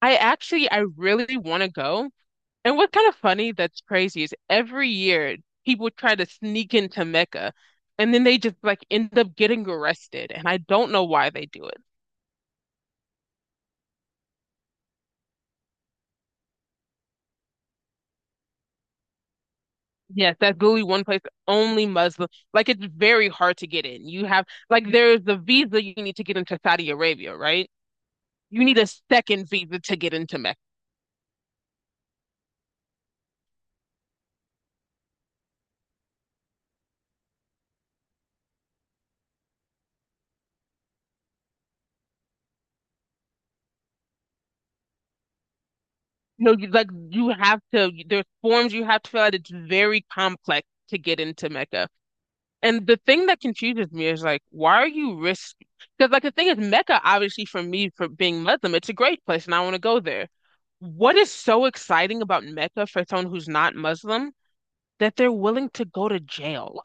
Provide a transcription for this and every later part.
I really want to go. And what's kind of funny that's crazy is every year people try to sneak into Mecca and then they just like end up getting arrested. And I don't know why they do it. Yes, that's literally one place only Muslim. Like it's very hard to get in. You have like there's the visa you need to get into Saudi Arabia, right? You need a second visa to get into Mecca. Like you have to, there's forms you have to fill out. It's very complex to get into Mecca. And the thing that confuses me is like, why are you risk? Because like the thing is, Mecca obviously for me for being Muslim, it's a great place, and I want to go there. What is so exciting about Mecca for someone who's not Muslim that they're willing to go to jail?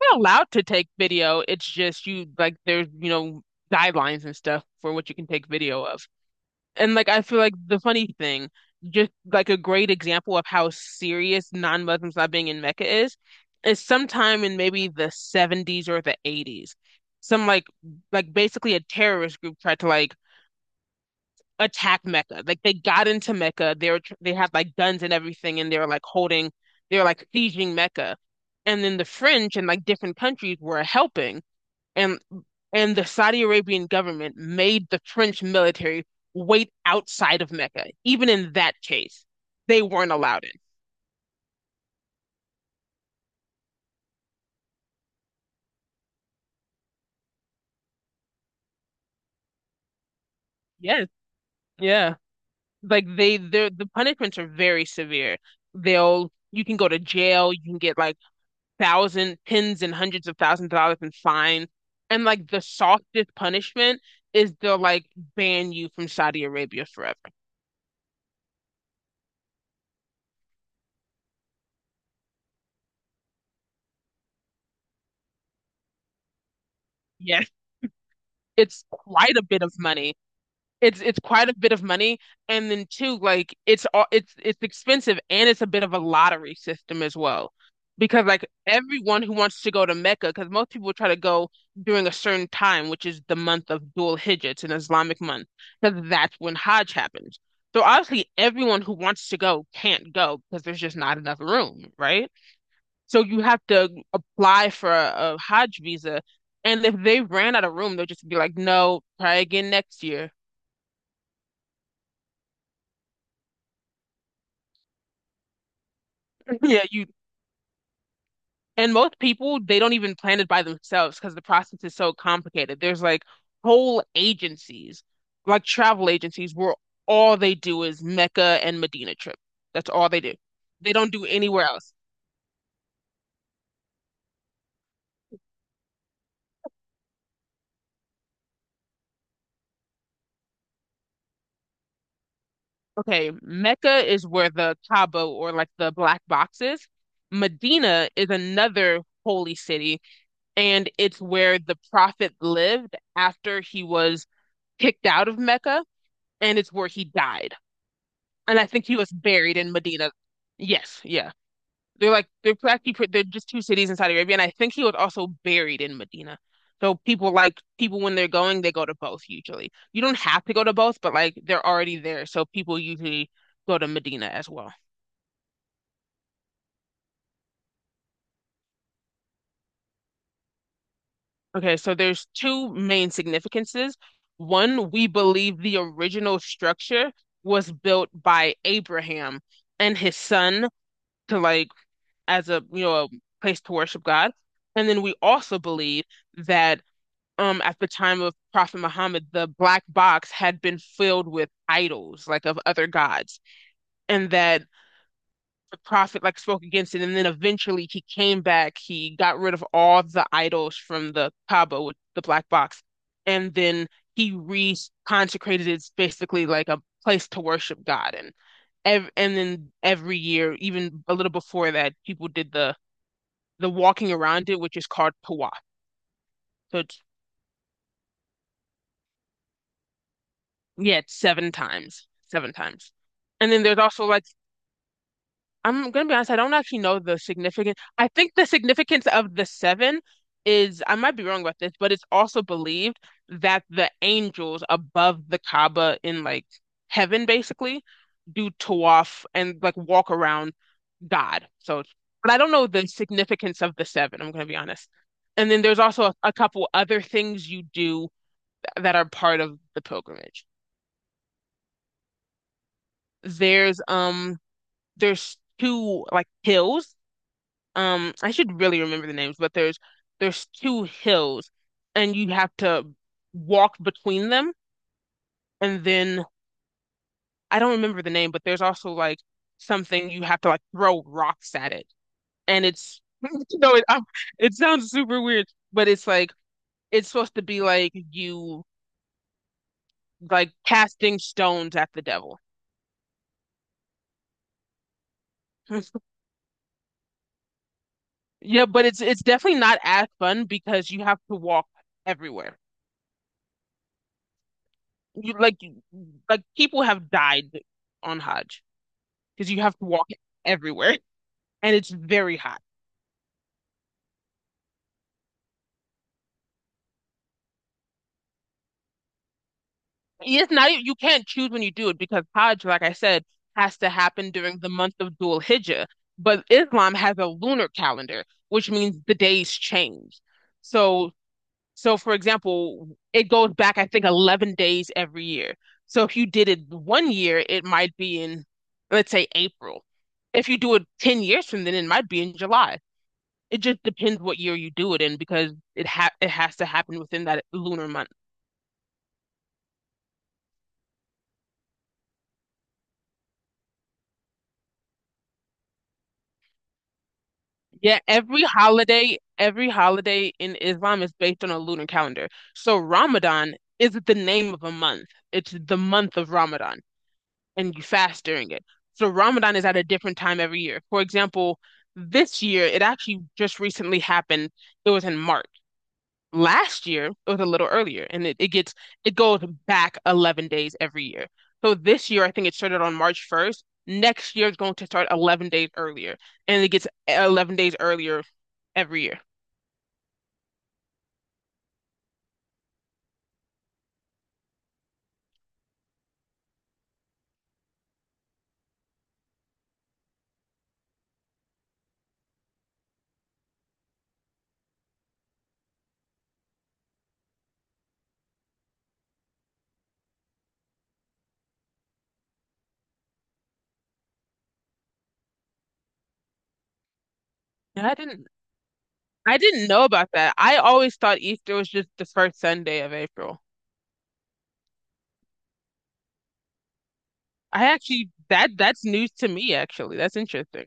We're allowed to take video. It's just you like there's guidelines and stuff for what you can take video of. And like I feel like the funny thing, just like a great example of how serious non-Muslims not being in Mecca is sometime in maybe the 70s or the 80s, some like basically a terrorist group tried to like attack Mecca. Like they got into Mecca, they had like guns and everything, and they were like holding, they were like sieging Mecca, and then the French and like different countries were helping and and the Saudi Arabian government made the French military wait outside of Mecca. Even in that case, they weren't allowed in. Yes, yeah. Like they the punishments are very severe. They'll you can go to jail, you can get like thousand tens and hundreds of thousands of dollars in fines. And like the softest punishment is they'll like ban you from Saudi Arabia forever. Yes, it's quite a bit of money. It's quite a bit of money, and then too like it's expensive and it's a bit of a lottery system as well because like everyone who wants to go to Mecca, because most people try to go during a certain time, which is the month of Dhul Hijjah. It's an Islamic month because that's when Hajj happens. So obviously everyone who wants to go can't go because there's just not enough room, right? So you have to apply for a Hajj visa, and if they ran out of room, they'll just be like, "No, try again next year." yeah, you. And most people, they don't even plan it by themselves because the process is so complicated. There's like whole agencies, like travel agencies, where all they do is Mecca and Medina trip. That's all they do. They don't do anywhere else. Okay, Mecca is where the Kaaba or like the black box is. Medina is another holy city, and it's where the Prophet lived after he was kicked out of Mecca, and it's where he died. And I think he was buried in Medina. Yes, yeah. They're like they're just two cities in Saudi Arabia, and I think he was also buried in Medina. So people like people when they're going, they go to both usually. You don't have to go to both, but like they're already there, so people usually go to Medina as well. Okay, so there's two main significances. One, we believe the original structure was built by Abraham and his son to like as a a place to worship God. And then we also believe that at the time of Prophet Muhammad, the black box had been filled with idols, like of other gods, and that the prophet like spoke against it. And then eventually he came back, he got rid of all the idols from the Kaaba with the black box, and then he re-consecrated it basically like a place to worship God. And ev and then every year, even a little before that, people did the walking around it, which is called Pawa. So it's yeah, it's seven times, seven times. And then there's also like I'm gonna be honest, I don't actually know the significance. I think the significance of the seven is I might be wrong about this, but it's also believed that the angels above the Kaaba in like heaven basically do tawaf and like walk around God. So, but I don't know the significance of the seven, I'm gonna be honest. And then there's also a couple other things you do that are part of the pilgrimage. There's um there's two like hills. I should really remember the names, but there's two hills and you have to walk between them, and then I don't remember the name, but there's also like something you have to like throw rocks at it. And it's it sounds super weird, but it's like it's supposed to be like you like casting stones at the devil. Yeah, but it's definitely not as fun because you have to walk everywhere. You like you- like people have died on Hajj because you have to walk everywhere and it's very hot. It's not even, you can't choose when you do it because Hajj, like I said, has to happen during the month of Dhul Hijjah, but Islam has a lunar calendar, which means the days change. So So, for example, it goes back, I think, 11 days every year. So, if you did it one year, it might be in, let's say, April. If you do it 10 years from then, it might be in July. It just depends what year you do it in because it has to happen within that lunar month. Yeah, every holiday in Islam is based on a lunar calendar. So Ramadan is the name of a month. It's the month of Ramadan, and you fast during it. So Ramadan is at a different time every year. For example, this year, it actually just recently happened. It was in March. Last year, it was a little earlier, and it gets it goes back 11 days every year. So this year, I think it started on March 1st. Next year, is going to start 11 days earlier, and it gets 11 days earlier every year. And I didn't know about that. I always thought Easter was just the first Sunday of April. I actually that that's news to me actually. That's interesting.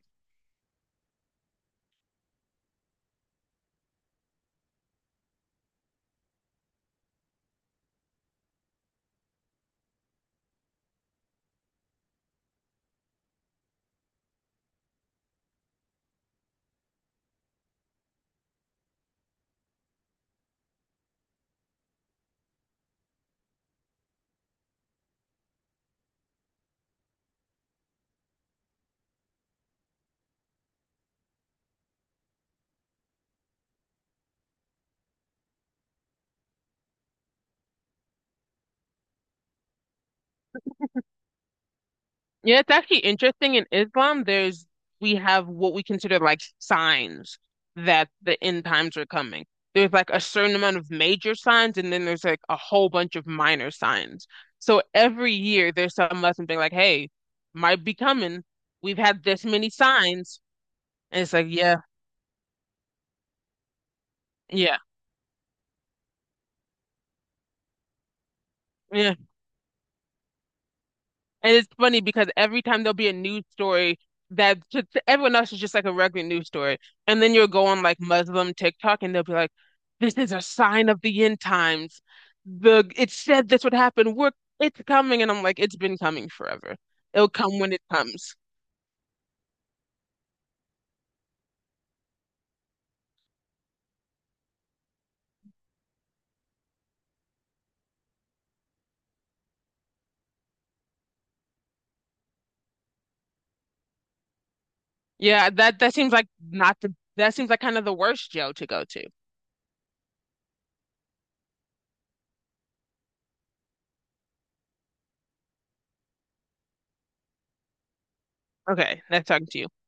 Yeah, it's actually interesting. In Islam, there's we have what we consider like signs that the end times are coming. There's like a certain amount of major signs, and then there's like a whole bunch of minor signs. So every year there's some lesson being like, hey, might be coming. We've had this many signs. And it's like, yeah, yeah, yeah. And it's funny because every time there'll be a news story that to everyone else is just like a regular news story. And then you'll go on like Muslim TikTok and they'll be like, this is a sign of the end times. The it said this would happen. We're it's coming. And I'm like, it's been coming forever. It'll come when it comes. Yeah, that seems like not the that seems like kind of the worst jail to go to. Okay, nice talking to you.